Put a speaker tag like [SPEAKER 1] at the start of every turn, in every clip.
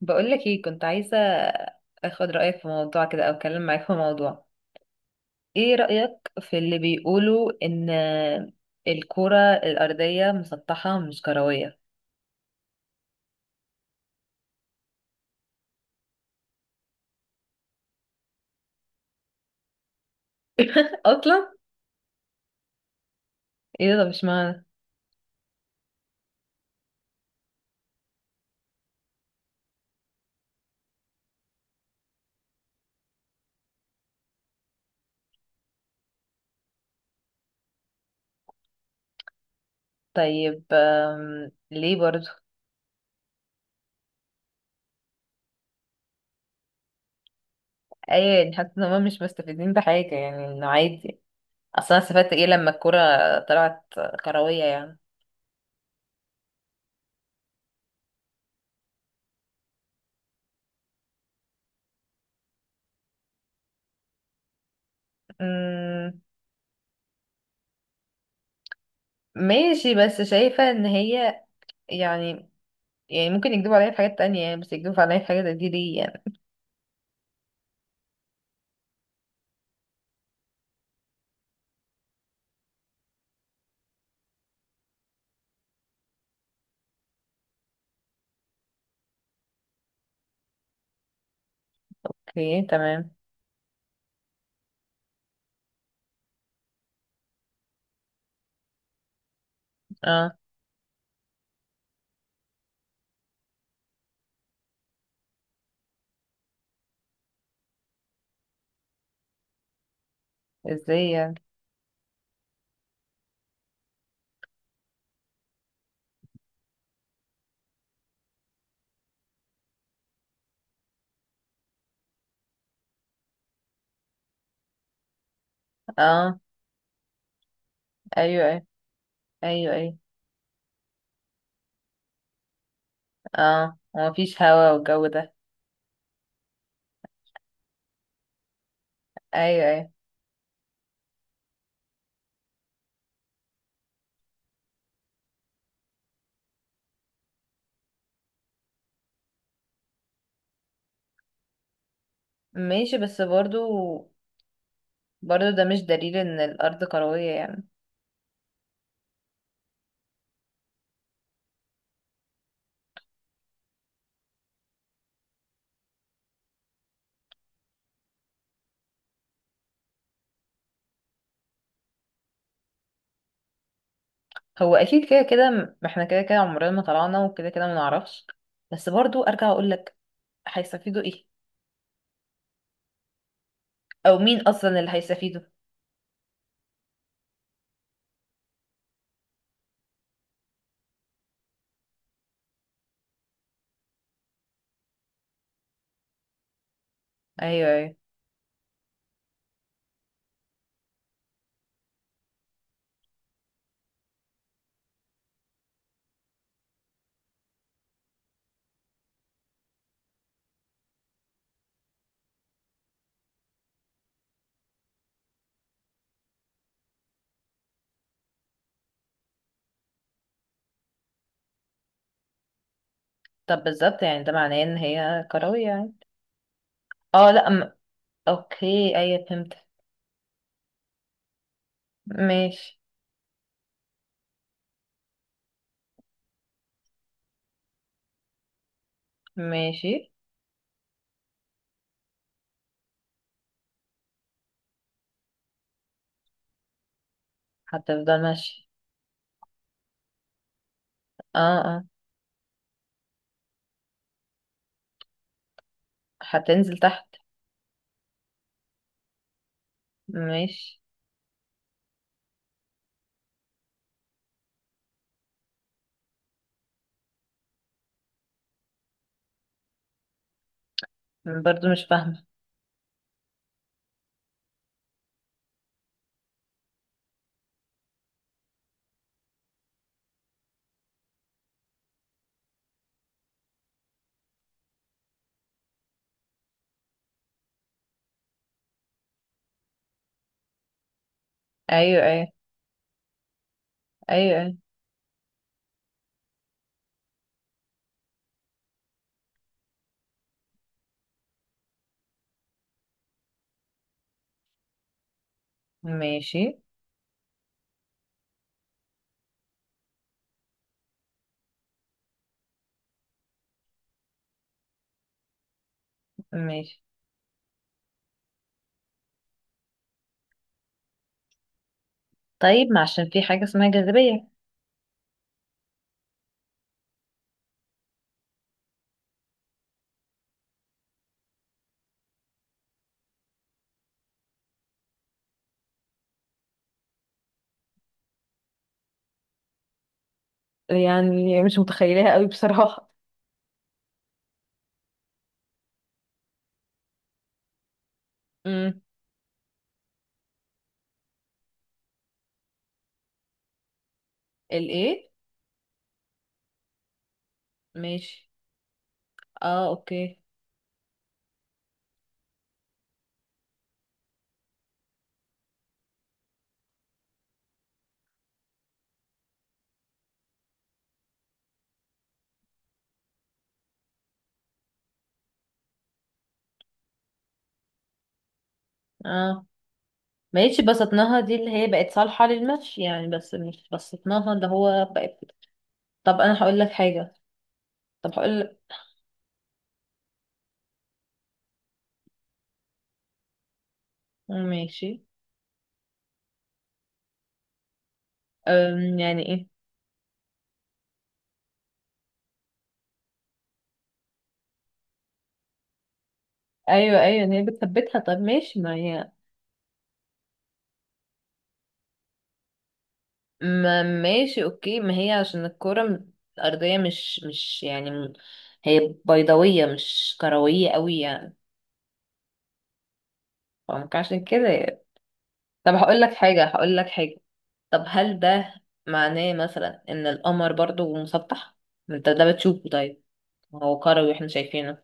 [SPEAKER 1] بقولك ايه، كنت عايزة اخد رأيك في موضوع كده او اتكلم معاك في موضوع. ايه رأيك في اللي بيقولوا ان الكرة الأرضية مسطحة مش كروية؟ اصلا ايه ده، مش معنى. طيب، ليه برضو؟ ايوه، يعني حتى إن هما مش مستفيدين بحاجة، يعني انه عادي. اصلا أنا استفدت ايه لما الكرة طلعت كروية يعني؟ أمم، ماشي، بس شايفة ان هي، يعني يعني ممكن يكذبوا عليا في حاجات تانية، يعني بس يكذبوا عليا في حاجة زي دي ليه يعني؟ اوكي، تمام. اه، ازاي يعني؟ اه. ايوه، ايوه. ايوه، ايوه. اه، ومفيش هوا والجو ده. ايوه، ايوه. ماشي، بس برضو، برضو ده مش دليل ان الارض كروية يعني. هو اكيد كده كده ما احنا كده كده عمرنا ما طلعنا وكده كده ما نعرفش. بس برضو ارجع اقول لك، هيستفيدوا ايه؟ او مين اصلا اللي هيستفيدوا؟ ايوه، ايوه. طب بالظبط، يعني ده معناه ان هي كروية يعني؟ اه، لا، اوكي، ايوه فهمت. ماشي. ماشي. هتفضل ماشي. اه. هتنزل تحت. ماشي. برضو مش فاهمة. أيوة، أيوة. أيوة، أيوة. ماشي، ماشي. طيب، ما عشان في حاجة اسمها جاذبية. يعني مش متخيلها قوي بصراحة. امم. الايه؟ ماشي، اه، اوكي. اه. ماشي، بسطناها دي اللي هي بقت صالحة للمشي يعني، بس مش بسطناها اللي هو بقت. طب انا هقول لك حاجة. طب هقول لك. ماشي. يعني ايه؟ ايوه، ايوه، ان هي بتثبتها. طب ماشي ما هي. ما ماشي، اوكي، ما هي عشان الكرة الأرضية مش يعني هي بيضاوية مش كروية قوي يعني، فممكن عشان كده يعني. طب، هقول لك حاجة. طب هل ده معناه مثلا ان القمر برضو مسطح؟ ما انت ده بتشوفه طيب. ما هو كروي واحنا شايفينه.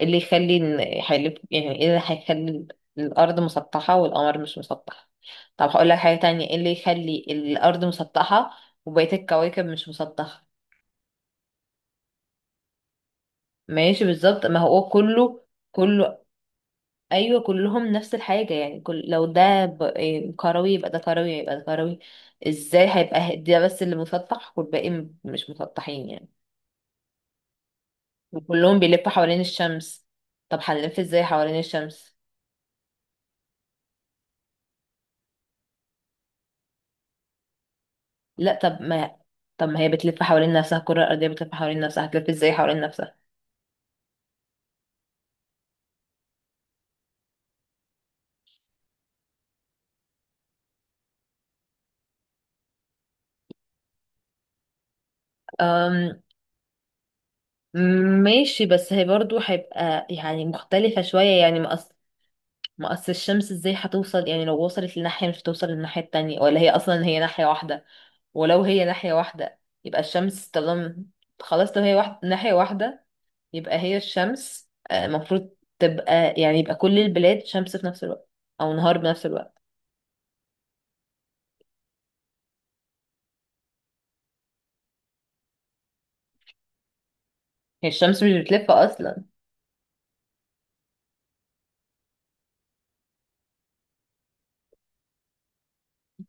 [SPEAKER 1] إيه اللي يخلي ان هيلف يعني؟ ايه اللي هيخلي الارض مسطحة والقمر مش مسطح؟ طب هقول لك حاجة تانية، ايه اللي يخلي الارض مسطحة وبقية الكواكب مش مسطحة؟ ماشي بالظبط، ما هو كله، كله. ايوه كلهم نفس الحاجه يعني، كل لو ده إيه، كروي، يبقى ده كروي يبقى ده كروي. ازاي هيبقى ده بس اللي مسطح والباقي مش مسطحين يعني؟ وكلهم بيلفوا حوالين الشمس. طب هنلف ازاي حوالين الشمس؟ لا، طب ما هي بتلف حوالين نفسها، الكره الارضيه بتلف حوالين نفسها، هتلف ازاي حوالين نفسها؟ أم... ماشي، بس هي برضو هيبقى يعني مختلفه شويه يعني. ما اصل الشمس ازاي هتوصل يعني، لو وصلت لناحية مش هتوصل للناحية التانية؟ ولا هي اصلا هي ناحية واحدة؟ ولو هي ناحية واحدة يبقى الشمس طالما، خلاص لو هي ناحية واحدة، يبقى هي الشمس المفروض تبقى، يعني يبقى كل البلاد شمس في نفس الوقت او نهار بنفس الوقت. هي الشمس مش بتلف اصلا.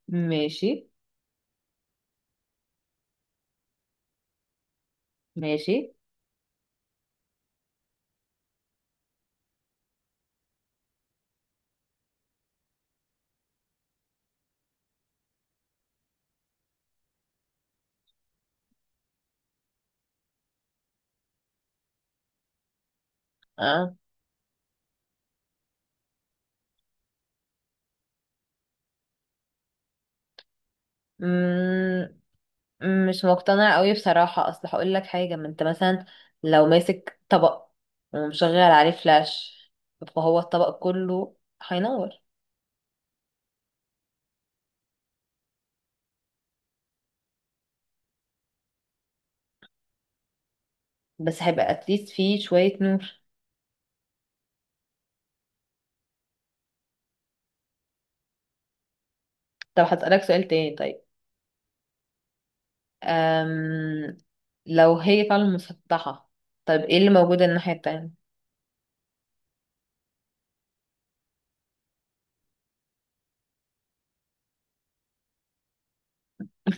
[SPEAKER 1] ماشي. ماشي، اه، مش مقتنعة قوي بصراحة. اصل هقول لك حاجة، ما انت مثلا لو ماسك طبق ومشغل عليه فلاش، فهو الطبق كله هينور. بس هيبقى اتليست فيه شوية نور. طب هسألك سؤال تاني طيب. أم... لو هي فعلا مسطحة، طيب ايه اللي موجود الناحية التانية؟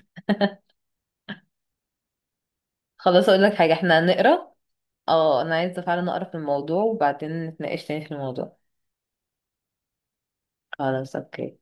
[SPEAKER 1] خلاص، اقول لك حاجة، احنا هنقرا. اه، انا عايزة فعلا اقرا في الموضوع وبعدين نتناقش تاني في الموضوع. خلاص اوكي.